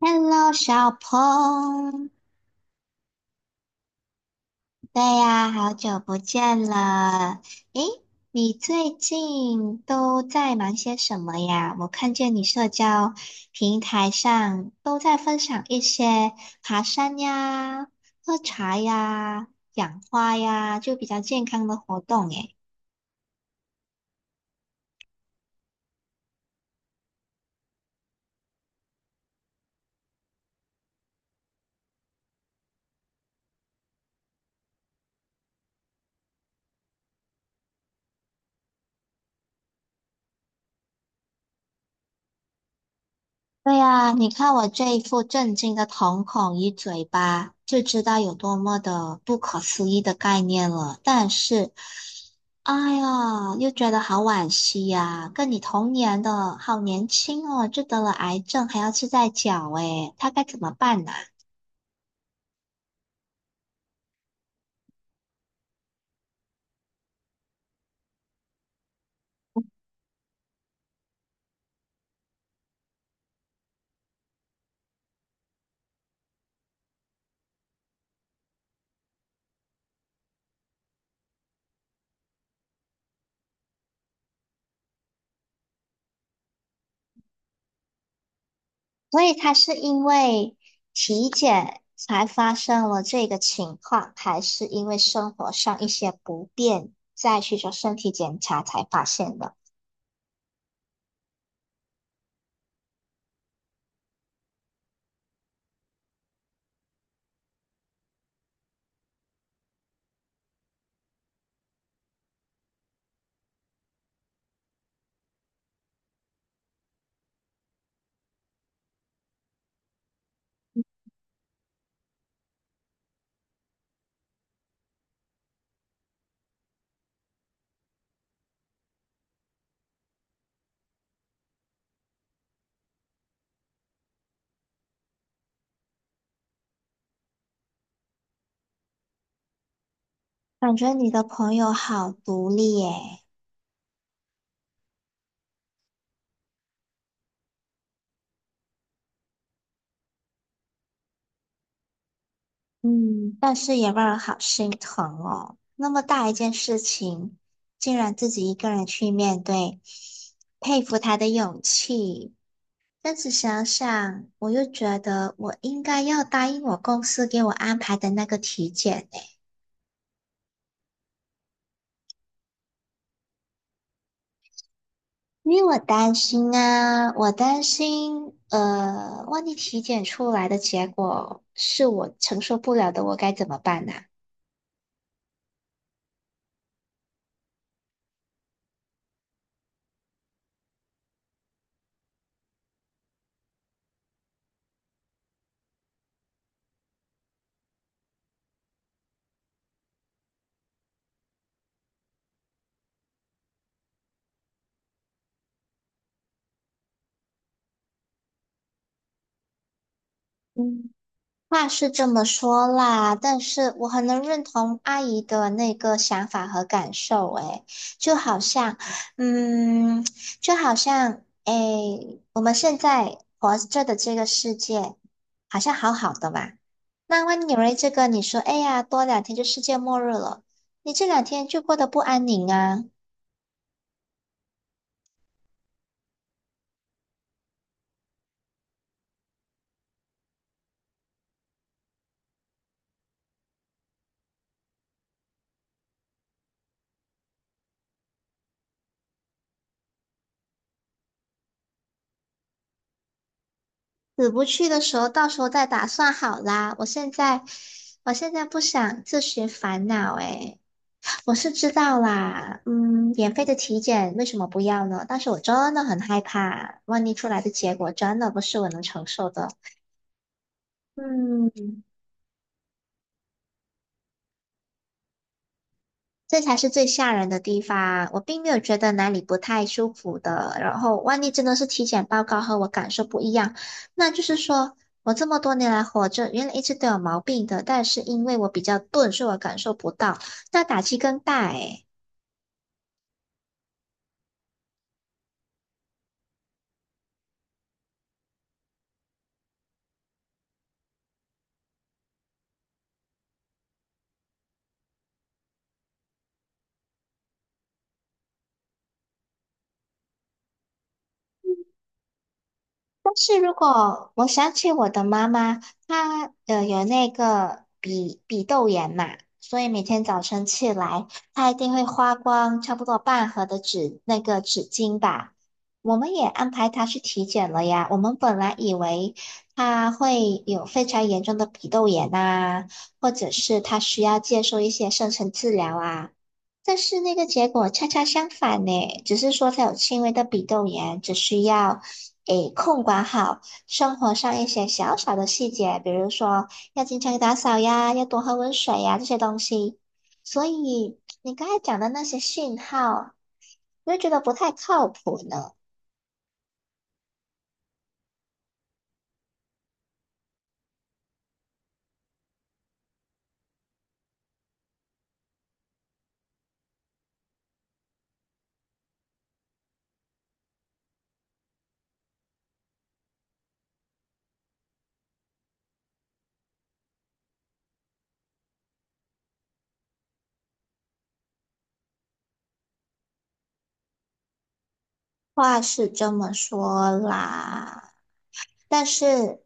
Hello，小鹏，对呀，好久不见了。诶，你最近都在忙些什么呀？我看见你社交平台上都在分享一些爬山呀、喝茶呀、养花呀，就比较健康的活动。诶，对呀，你看我这一副震惊的瞳孔与嘴巴，就知道有多么的不可思议的概念了。但是。哎呀，又觉得好惋惜呀、跟你同年的，好年轻哦，就得了癌症，还要吃在脚，哎，他该怎么办呢、所以他是因为体检才发生了这个情况，还是因为生活上一些不便，再去做身体检查才发现的？感觉你的朋友好独立耶。嗯，但是也让人好心疼哦。那么大一件事情，竟然自己一个人去面对，佩服他的勇气。但是想想，我又觉得我应该要答应我公司给我安排的那个体检呢，因为我担心啊，我担心，万一体检出来的结果是我承受不了的，我该怎么办呢？话是这么说啦，但是我很能认同阿姨的那个想法和感受，诶，就好像，嗯，就好像，诶，我们现在活着的这个世界好像好好的吧？那万一有了这个，你说，哎呀，多两天就世界末日了，你这两天就过得不安宁啊，死不去的时候，到时候再打算好啦。我现在，我现在不想自寻烦恼，诶。我是知道啦，嗯，免费的体检为什么不要呢？但是我真的很害怕，万一出来的结果真的不是我能承受的，嗯，这才是最吓人的地方。我并没有觉得哪里不太舒服的，然后万一真的是体检报告和我感受不一样，那就是说我这么多年来活着，原来一直都有毛病的，但是因为我比较钝，所以我感受不到，那打击更大诶。但是如果我想起我的妈妈，她有那个鼻窦炎嘛，所以每天早晨起来，她一定会花光差不多半盒的纸那个纸巾吧。我们也安排她去体检了呀。我们本来以为她会有非常严重的鼻窦炎啊，或者是她需要接受一些深层治疗啊。但是那个结果恰恰相反呢，只是说他有轻微的鼻窦炎，只需要诶控管好生活上一些小小的细节，比如说要经常打扫呀，要多喝温水呀这些东西。所以你刚才讲的那些讯号，我就觉得不太靠谱呢。话是这么说啦，但是，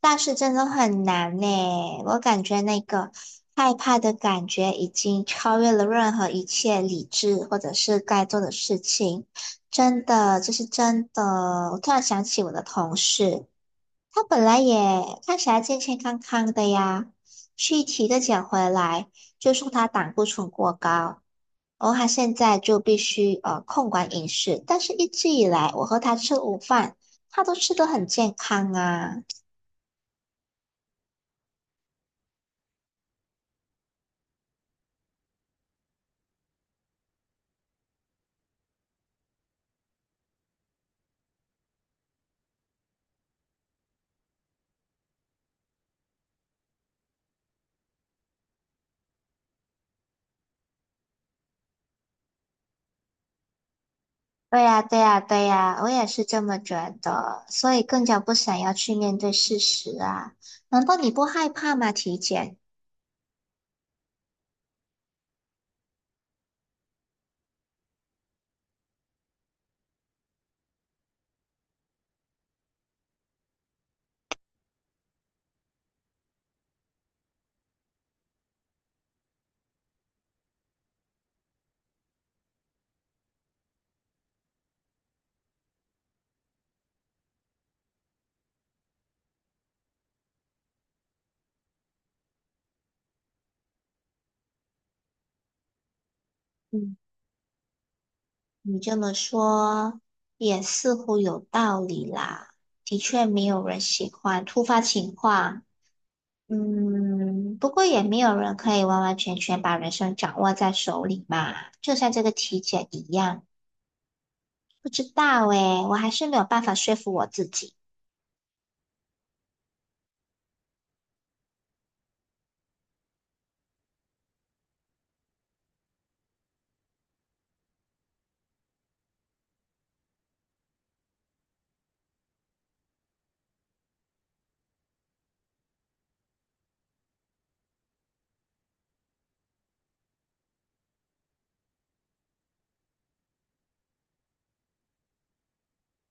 但是真的很难呢。我感觉那个害怕的感觉已经超越了任何一切理智或者是该做的事情。真的，这是真的。我突然想起我的同事，他本来也看起来健健康康的呀，去体个检回来，就说他胆固醇过高。然后他现在就必须控管饮食，但是一直以来我和他吃午饭，他都吃得很健康啊。对呀，对呀，对呀，我也是这么觉得，所以更加不想要去面对事实啊。难道你不害怕吗？体检？嗯，你这么说也似乎有道理啦。的确，没有人喜欢突发情况，嗯，不过也没有人可以完完全全把人生掌握在手里嘛，就像这个体检一样，不知道诶，我还是没有办法说服我自己。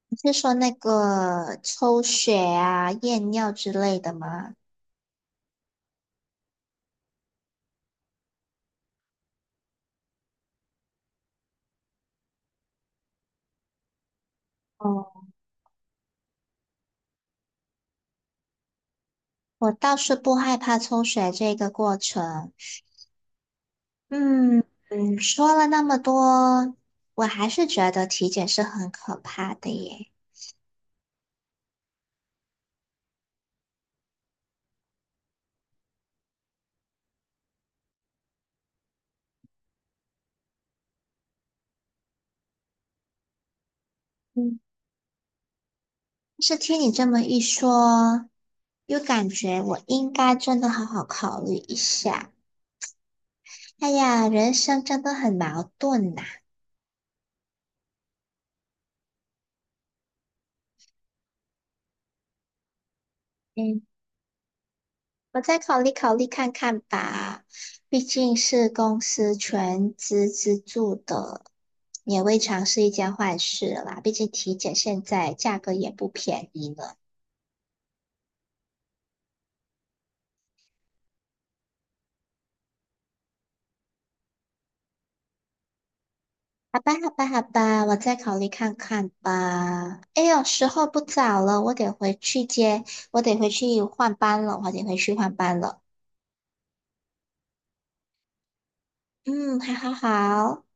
你是说那个抽血啊、验尿之类的吗？哦，我倒是不害怕抽血这个过程。嗯嗯，说了那么多，我还是觉得体检是很可怕的耶。嗯。是听你这么一说，又感觉我应该真的好好考虑一下。哎呀，人生真的很矛盾呐、嗯，我再考虑考虑看看吧，毕竟是公司全资资助的，也未尝是一件坏事啦。毕竟体检现在价格也不便宜呢。好吧，好吧，好吧，我再考虑看看吧。哎呦，时候不早了，我得回去换班了，嗯，好好好。